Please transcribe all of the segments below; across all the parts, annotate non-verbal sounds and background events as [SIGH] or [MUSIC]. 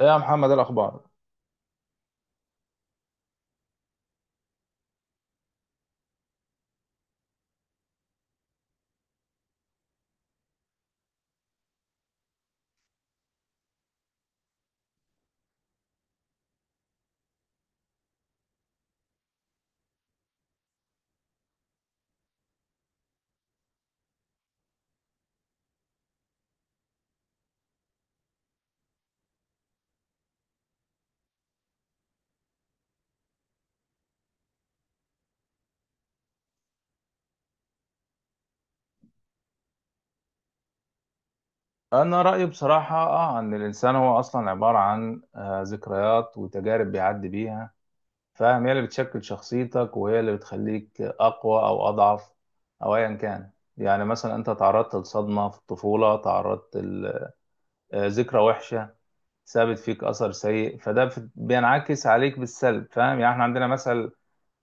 إيه يا محمد، إيه الأخبار؟ أنا رأيي بصراحة إن الإنسان هو أصلا عبارة عن ذكريات وتجارب بيعدي بيها. فاهم، هي اللي بتشكل شخصيتك وهي اللي بتخليك أقوى أو أضعف أو أيا كان. يعني مثلا أنت تعرضت لصدمة في الطفولة، تعرضت لذكرى وحشة سابت فيك أثر سيء. فده بينعكس عليك بالسلب، فاهم. يعني إحنا عندنا مثل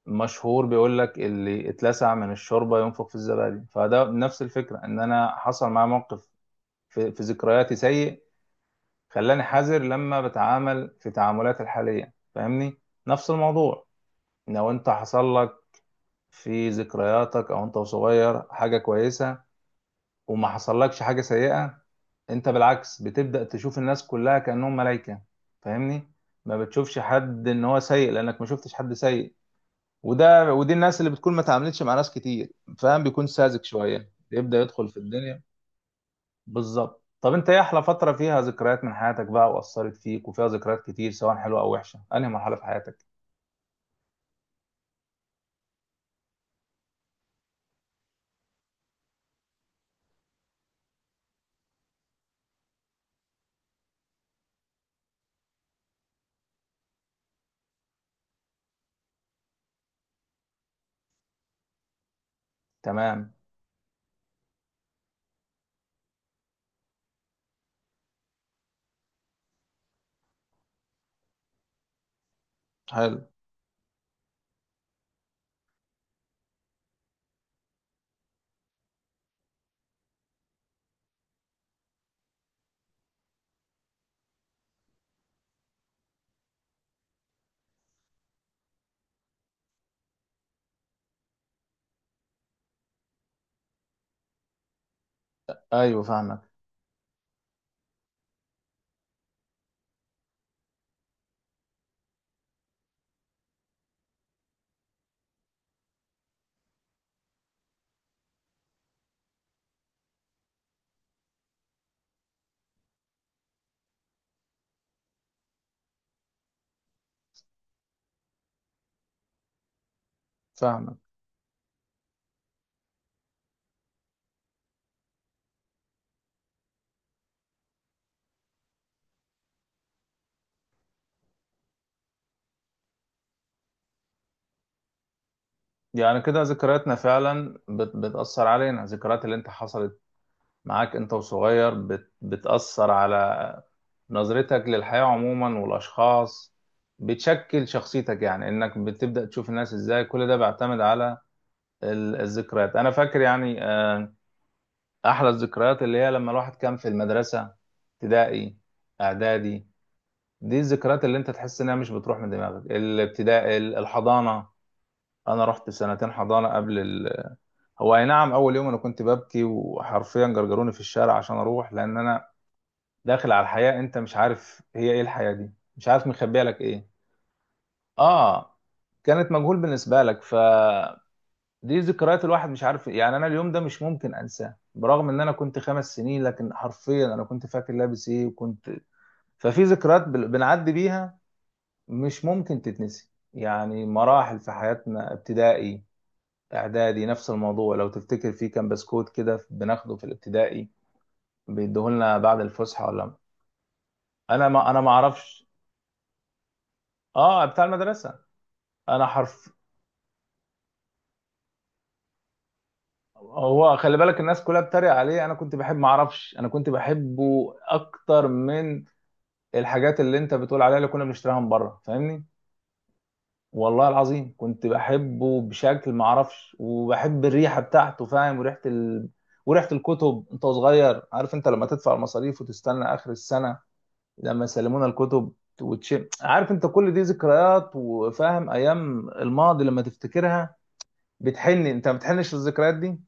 مشهور بيقول لك اللي اتلسع من الشوربة ينفخ في الزبادي، فده نفس الفكرة إن أنا حصل معايا موقف في ذكرياتي سيء، خلاني حذر لما بتعامل في تعاملاتي الحالية، فاهمني. نفس الموضوع، لو انت حصل لك في ذكرياتك او انت صغير حاجة كويسة وما حصلكش حاجة سيئة، انت بالعكس بتبدأ تشوف الناس كلها كأنهم ملايكة، فاهمني. ما بتشوفش حد ان هو سيء لانك ما شفتش حد سيء. ودي الناس اللي بتكون ما تعاملتش مع ناس كتير، فاهم، بيكون ساذج شوية يبدأ يدخل في الدنيا. بالظبط. طب انت ايه احلى فترة فيها ذكريات من حياتك بقى واثرت فيك وفيها ذكريات كتير سواء حلوة او وحشة، انهي مرحلة في حياتك؟ تمام. حلو. ايوه فاهمك. فاهمك. يعني كده ذكرياتنا فعلا بتأثر علينا. الذكريات اللي انت حصلت معاك انت وصغير بتأثر على نظرتك للحياة عموما والاشخاص، بتشكل شخصيتك، يعني انك بتبدأ تشوف الناس ازاي، كل ده بيعتمد على الذكريات. انا فاكر يعني، احلى الذكريات اللي هي لما الواحد كان في المدرسه، ابتدائي اعدادي، دي الذكريات اللي انت تحس انها مش بتروح من دماغك. الابتدائي، الحضانه، انا رحت سنتين حضانه قبل هو اي نعم، اول يوم انا كنت ببكي وحرفيا جرجروني في الشارع عشان اروح، لان انا داخل على الحياه، انت مش عارف هي ايه الحياه دي، مش عارف مخبيه لك ايه. اه، كانت مجهول بالنسبه لك، ف دي ذكريات الواحد مش عارف. يعني انا اليوم ده مش ممكن انساه، برغم ان انا كنت 5 سنين، لكن حرفيا انا كنت فاكر لابس ايه وكنت. ففي ذكريات بنعدي بيها مش ممكن تتنسي، يعني مراحل في حياتنا، ابتدائي اعدادي نفس الموضوع. لو تفتكر في كان بسكوت كده بناخده في الابتدائي، بيديهولنا بعد الفسحه ولا. انا ما اعرفش. اه بتاع المدرسه. انا حرف، هو خلي بالك الناس كلها بتتريق عليه، انا كنت بحب، ما اعرفش، انا كنت بحبه اكتر من الحاجات اللي انت بتقول عليها اللي كنا بنشتريها من بره، فاهمني. والله العظيم كنت بحبه بشكل ما اعرفش، وبحب الريحه بتاعته، فاهم، وريحه الكتب. انت صغير، عارف انت لما تدفع المصاريف وتستنى اخر السنه لما يسلمونا الكتب وتشم، عارف انت كل دي ذكريات. وفاهم، ايام الماضي لما تفتكرها بتحن، انت ما بتحنش الذكريات دي؟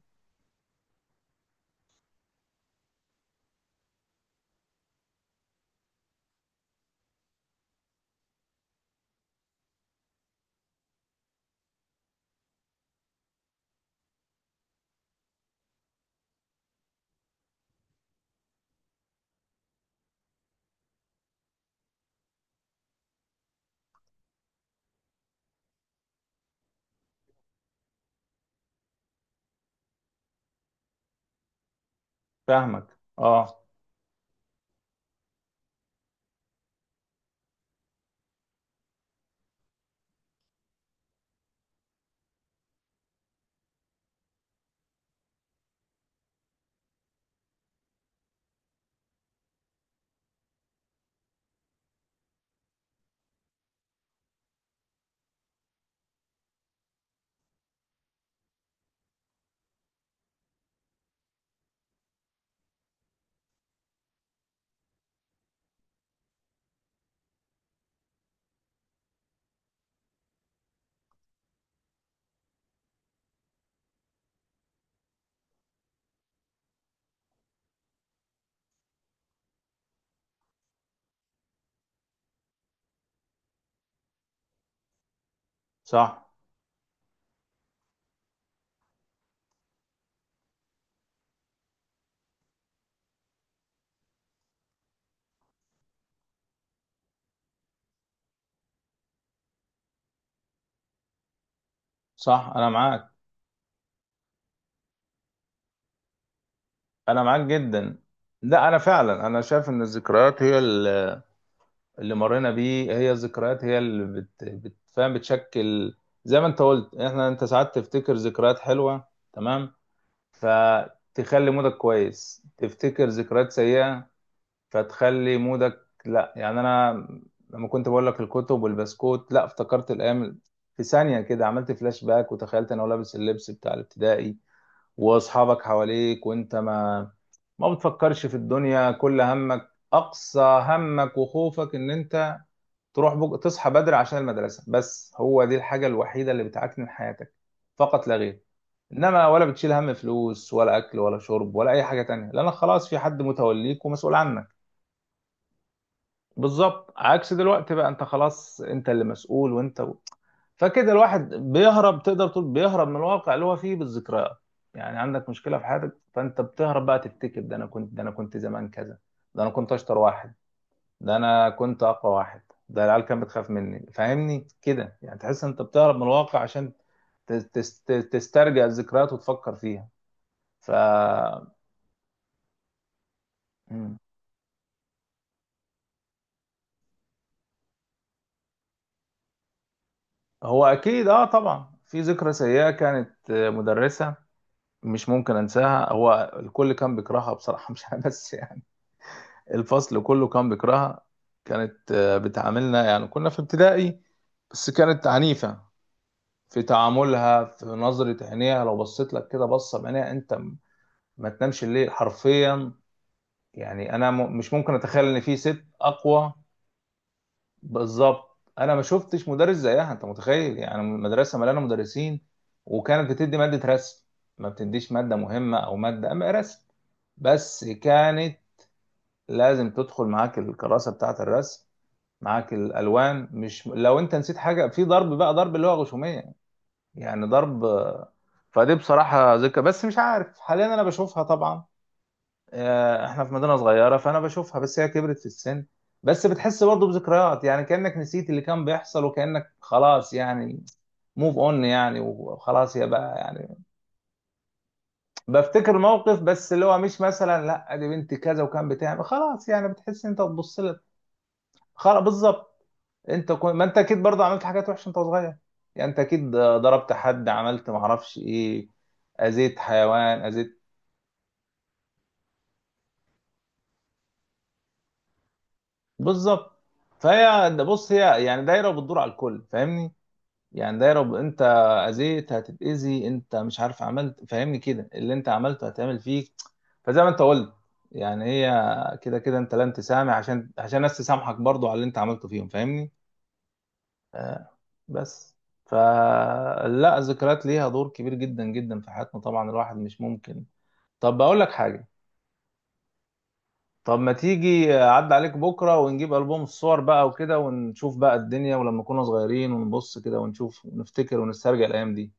فاهمك. اه. صح. صح. انا معاك. انا معاك جدا. لا انا فعلا انا شايف ان الذكريات هي اللي مرينا بيه، هي الذكريات هي اللي بتفهم، بتشكل. زي ما انت قلت، احنا، انت ساعات تفتكر ذكريات حلوة تمام فتخلي مودك كويس، تفتكر ذكريات سيئة فتخلي مودك لا. يعني انا لما كنت بقول لك الكتب والبسكوت، لا افتكرت الايام، في ثانية كده عملت فلاش باك وتخيلت انا لابس اللبس بتاع الابتدائي واصحابك حواليك، وانت ما بتفكرش في الدنيا، كل همك اقصى همك وخوفك ان انت تروح تصحى بدري عشان المدرسة، بس هو دي الحاجة الوحيدة اللي بتعكنن حياتك فقط لا غير، انما ولا بتشيل هم فلوس ولا اكل ولا شرب ولا اي حاجة تانية، لانك خلاص في حد متوليك ومسؤول عنك. بالظبط، عكس دلوقتي بقى، انت خلاص انت اللي مسؤول، وانت فكده الواحد بيهرب، تقدر تقول بيهرب من الواقع اللي هو فيه بالذكريات. يعني عندك مشكلة في حياتك فانت بتهرب بقى، تفتكر ده انا كنت زمان كذا، ده انا كنت اشطر واحد، ده انا كنت اقوى واحد، ده العيال كانت بتخاف مني، فاهمني كده، يعني تحس انت بتهرب من الواقع عشان تسترجع الذكريات وتفكر فيها. ف مم. هو اكيد اه، طبعا في ذكرى سيئة كانت، مدرسة، مش ممكن انساها. هو الكل كان بيكرهها بصراحة [LAUGHS] مش انا بس يعني، الفصل كله كان بيكرهها. كانت بتعاملنا، يعني كنا في ابتدائي بس كانت عنيفة في تعاملها، في نظرة عينيها، لو بصيت لك كده بصة بعينيها انت ما تنامش الليل حرفيا. يعني انا مش ممكن اتخيل ان في ست اقوى. بالظبط، انا ما شفتش مدرس زيها، انت متخيل يعني مدرسه مليانه مدرسين. وكانت بتدي ماده رسم، ما بتديش ماده مهمه او ماده، اما رسم، بس كانت لازم تدخل معاك الكراسه بتاعه الرسم، معاك الالوان، مش لو انت نسيت حاجه في ضرب بقى، ضرب اللي هو غشوميه، يعني ضرب. فدي بصراحه ذكرى، بس مش عارف حاليا انا بشوفها طبعا، احنا في مدينة صغيرة فانا بشوفها، بس هي كبرت في السن، بس بتحس برضه بذكريات، يعني كأنك نسيت اللي كان بيحصل وكأنك خلاص، يعني موف اون يعني، وخلاص يا بقى يعني. بفتكر موقف بس، اللي هو مش مثلا لا دي بنتي كذا وكان بتعمل، خلاص يعني بتحس انت تبص لك خلاص. بالظبط، انت كنت ما انت اكيد برضه عملت حاجات وحشة انت صغير، يعني انت اكيد ضربت حد، عملت معرفش ايه، اذيت حيوان، اذيت. بالظبط. فهي بص، هي يعني دايرة وبتدور على الكل، فاهمني؟ يعني ده يا رب، انت اذيت هتتاذي، انت مش عارف عملت، فاهمني كده، اللي انت عملته هتعمل فيك. فزي ما انت قلت، يعني هي كده كده انت لن تسامح، عشان الناس تسامحك برضو على اللي انت عملته فيهم، فاهمني. آه، بس، فلا، الذكريات ليها دور كبير جدا جدا في حياتنا طبعا، الواحد مش ممكن. طب بقول لك حاجة، طب ما تيجي عد عليك بكرة ونجيب ألبوم الصور بقى وكده ونشوف بقى الدنيا ولما كنا صغيرين، ونبص كده ونشوف ونفتكر ونسترجع الأيام دي.